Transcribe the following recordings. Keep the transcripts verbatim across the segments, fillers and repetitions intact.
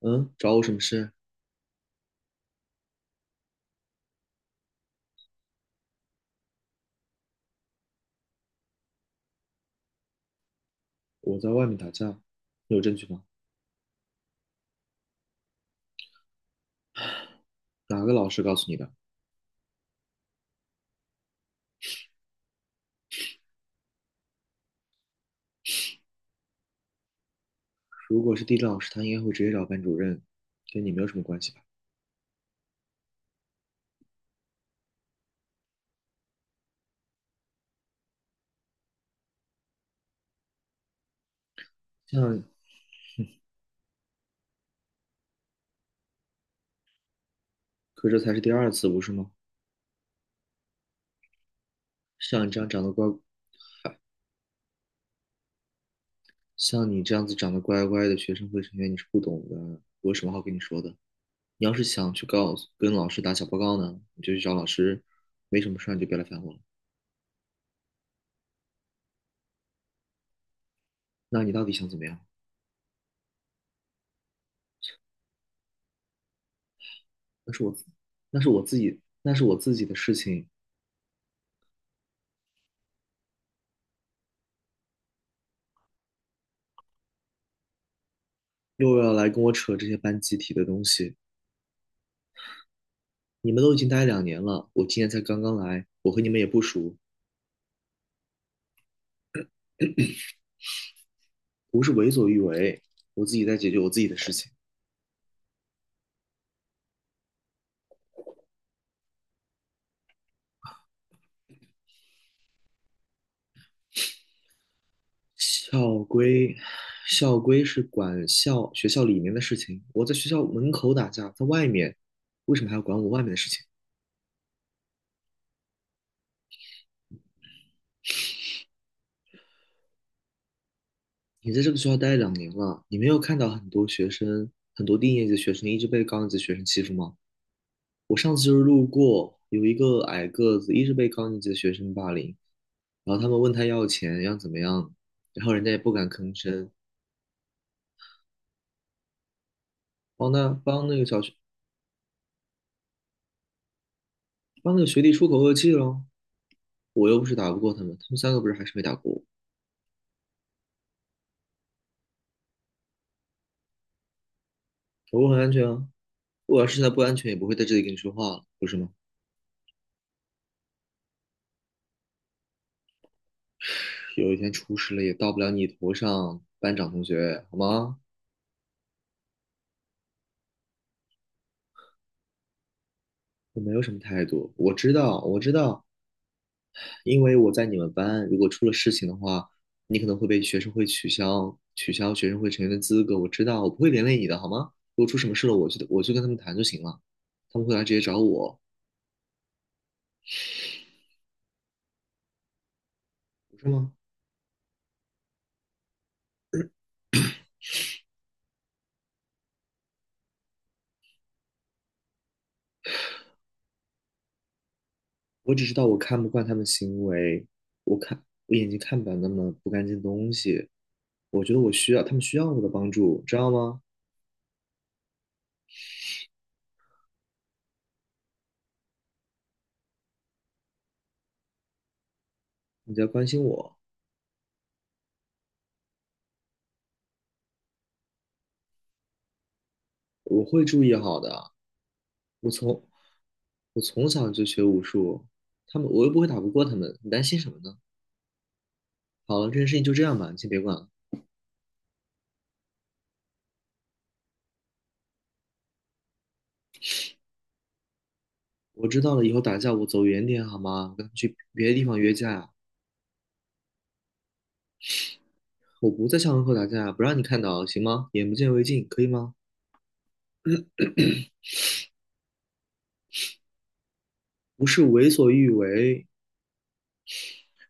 嗯，找我什么事？我在外面打架，你有证据吗？哪个老师告诉你的？如果是地理老师，他应该会直接找班主任，跟你没有什么关系吧？像，可这才是第二次，不是吗？像你这样长得乖，像你这样子长得乖乖的学生会成员，你是不懂的，我有什么好跟你说的？你要是想去告诉跟老师打小报告呢，你就去找老师，没什么事儿你就别来烦我了。那你到底想怎么样？那是我自，那是我自己，那是我自己的事情，又要来跟我扯这些班集体的东西。你们都已经待两年了，我今年才刚刚来，我和你们也不熟，不是为所欲为，我自己在解决我自己的事情。校规，校规是管校学校里面的事情，我在学校门口打架，在外面，为什么还要管我外面的事情？你在这个学校待两年了，你没有看到很多学生，很多低年级的学生一直被高年级的学生欺负吗？我上次就是路过，有一个矮个子一直被高年级的学生霸凌，然后他们问他要钱，要怎么样，然后人家也不敢吭声，帮他帮那个小学帮那个学弟出口恶气了，我又不是打不过他们，他们三个不是还是没打过我，我很安全啊。我要是现在不安全，也不会在这里跟你说话了，不是吗？有一天出事了也到不了你头上，班长同学，好吗？我没有什么态度，我知道，我知道，因为我在你们班，如果出了事情的话，你可能会被学生会取消取消学生会成员的资格。我知道，我不会连累你的，好吗？如果出什么事了，我去我去跟他们谈就行了，他们会来直接找我，不是吗？我只知道我看不惯他们行为，我看我眼睛看不了那么不干净的东西。我觉得我需要他们需要我的帮助，知道吗？你在关心我，我会注意好的。我从我从小就学武术，他们我又不会打不过他们，你担心什么呢？好了，这件事情就这样吧，你先别管了。我知道了，以后打架我走远点好吗？我跟他们去别的地方约架，我不在校门口打架，不让你看到，行吗？眼不见为净，可以吗？不是为所欲为。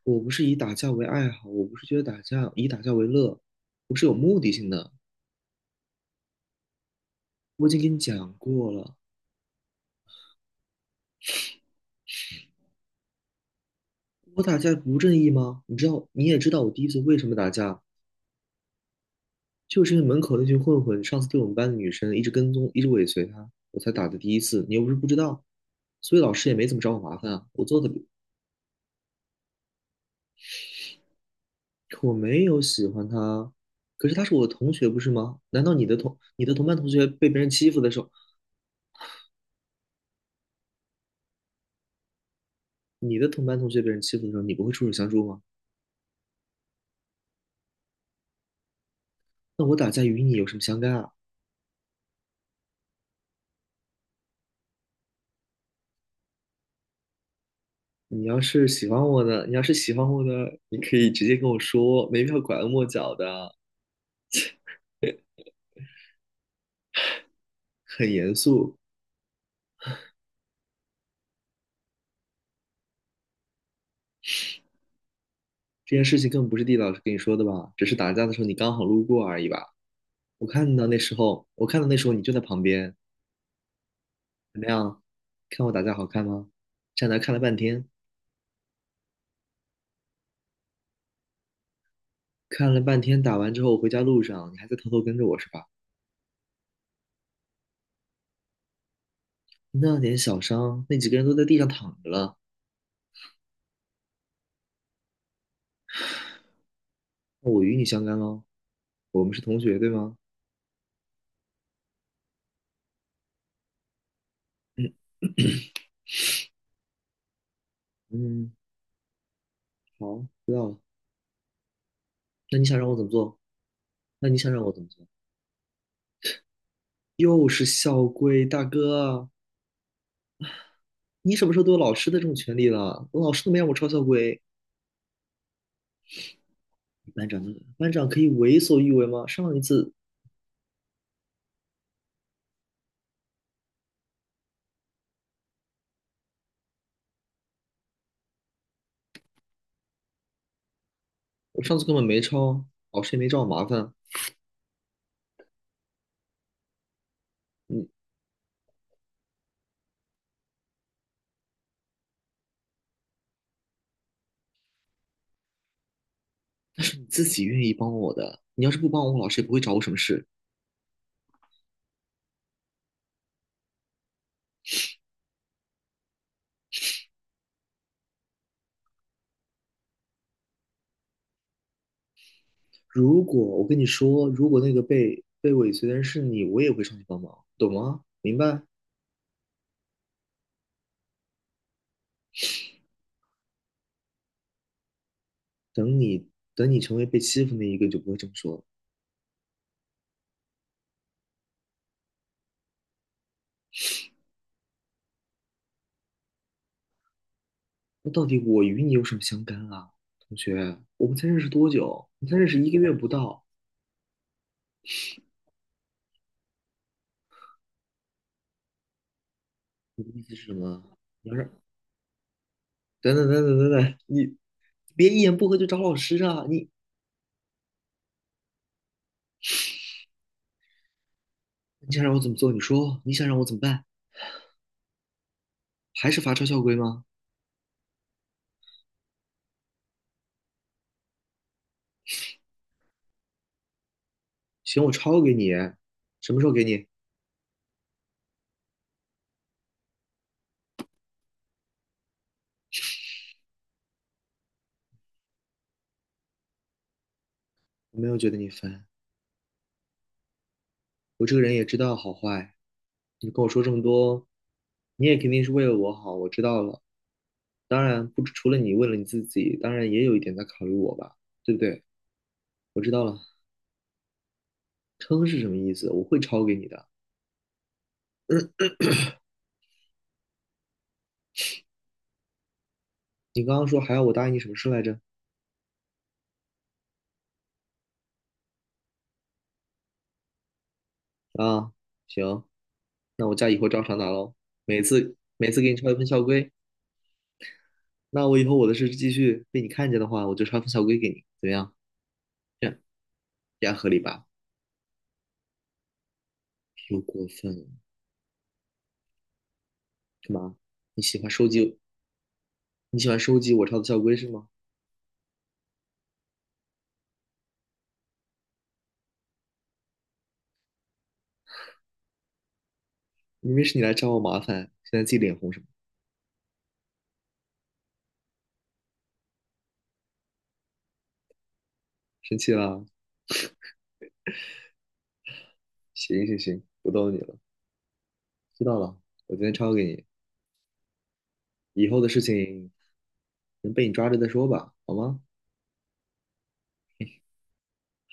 我不是以打架为爱好，我不是觉得打架以打架为乐，我是有目的性的。我已经跟你讲过了，我打架不正义吗？你知道，你也知道我第一次为什么打架，就是因为门口那群混混上次对我们班的女生一直跟踪，一直尾随她，我才打的第一次。你又不是不知道，所以老师也没怎么找我麻烦啊。我做的，我没有喜欢他，可是他是我的同学，不是吗？难道你的同你的同班同学被别人欺负的时候，你的同班同学被人欺负的时候，你不会出手相助吗？那我打架与你有什么相干啊？你要是喜欢我的，你要是喜欢我的，你可以直接跟我说，没必要拐弯抹角的，很严肃。这件事情更不是地老师跟你说的吧？只是打架的时候你刚好路过而已吧？我看到那时候，我看到那时候你就在旁边，怎么样？看我打架好看吗？站那看了半天，看了半天，打完之后回家路上你还在偷偷跟着我是吧？那点小伤，那几个人都在地上躺着了，那我与你相干喽。我们是同学，对吗？嗯嗯，好，知道了。那你想让我怎么做？那你想让我怎么做？又是校规，大哥，你什么时候都有老师的这种权利了？我老师都没让我抄校规，班长呢？班长可以为所欲为吗？上一次我上次根本没抄，老师也没找我麻烦。嗯，那是你自己愿意帮我的，你要是不帮我，我老师也不会找我什么事。如果我跟你说，如果那个被被尾随的人是你，我也会上去帮忙，懂吗？明白？等你等你成为被欺负那一个，你就不会这么说了。那到底我与你有什么相干啊，同学？我们才认识多久？我们才认识一个月不到。你的意思是什么？你要让……等等等等等等，你别一言不合就找老师啊！你你想让我怎么做？你说你想让我怎么办？还是罚抄校规吗？行，我抄给你。什么时候给你？我没有觉得你烦，我这个人也知道好坏。你跟我说这么多，你也肯定是为了我好，我知道了。当然，不，除了你为了你自己，当然也有一点在考虑我吧，对不对？我知道了，撑是什么意思？我会抄给你的。你刚刚说还要我答应你什么事来着？啊，行，那我家以后照常打喽。每次每次给你抄一份校规，那我以后我的事继续被你看见的话，我就抄份校规给你，怎么样？这样这样合理吧？又过分了，干嘛？你喜欢收集你喜欢收集我抄的校规是吗？明明是你来找我麻烦，现在自己脸红什么？生气啦？行行行，不逗你了，知道了，我今天抄给你，以后的事情能被你抓着再说吧，好吗？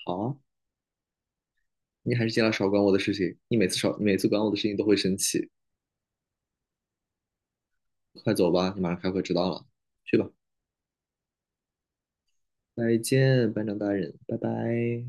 好，啊，你还是尽量少管我的事情。你每次少，你每次管我的事情都会生气。快走吧，你马上开会迟到了。去吧，再见，班长大人，拜拜。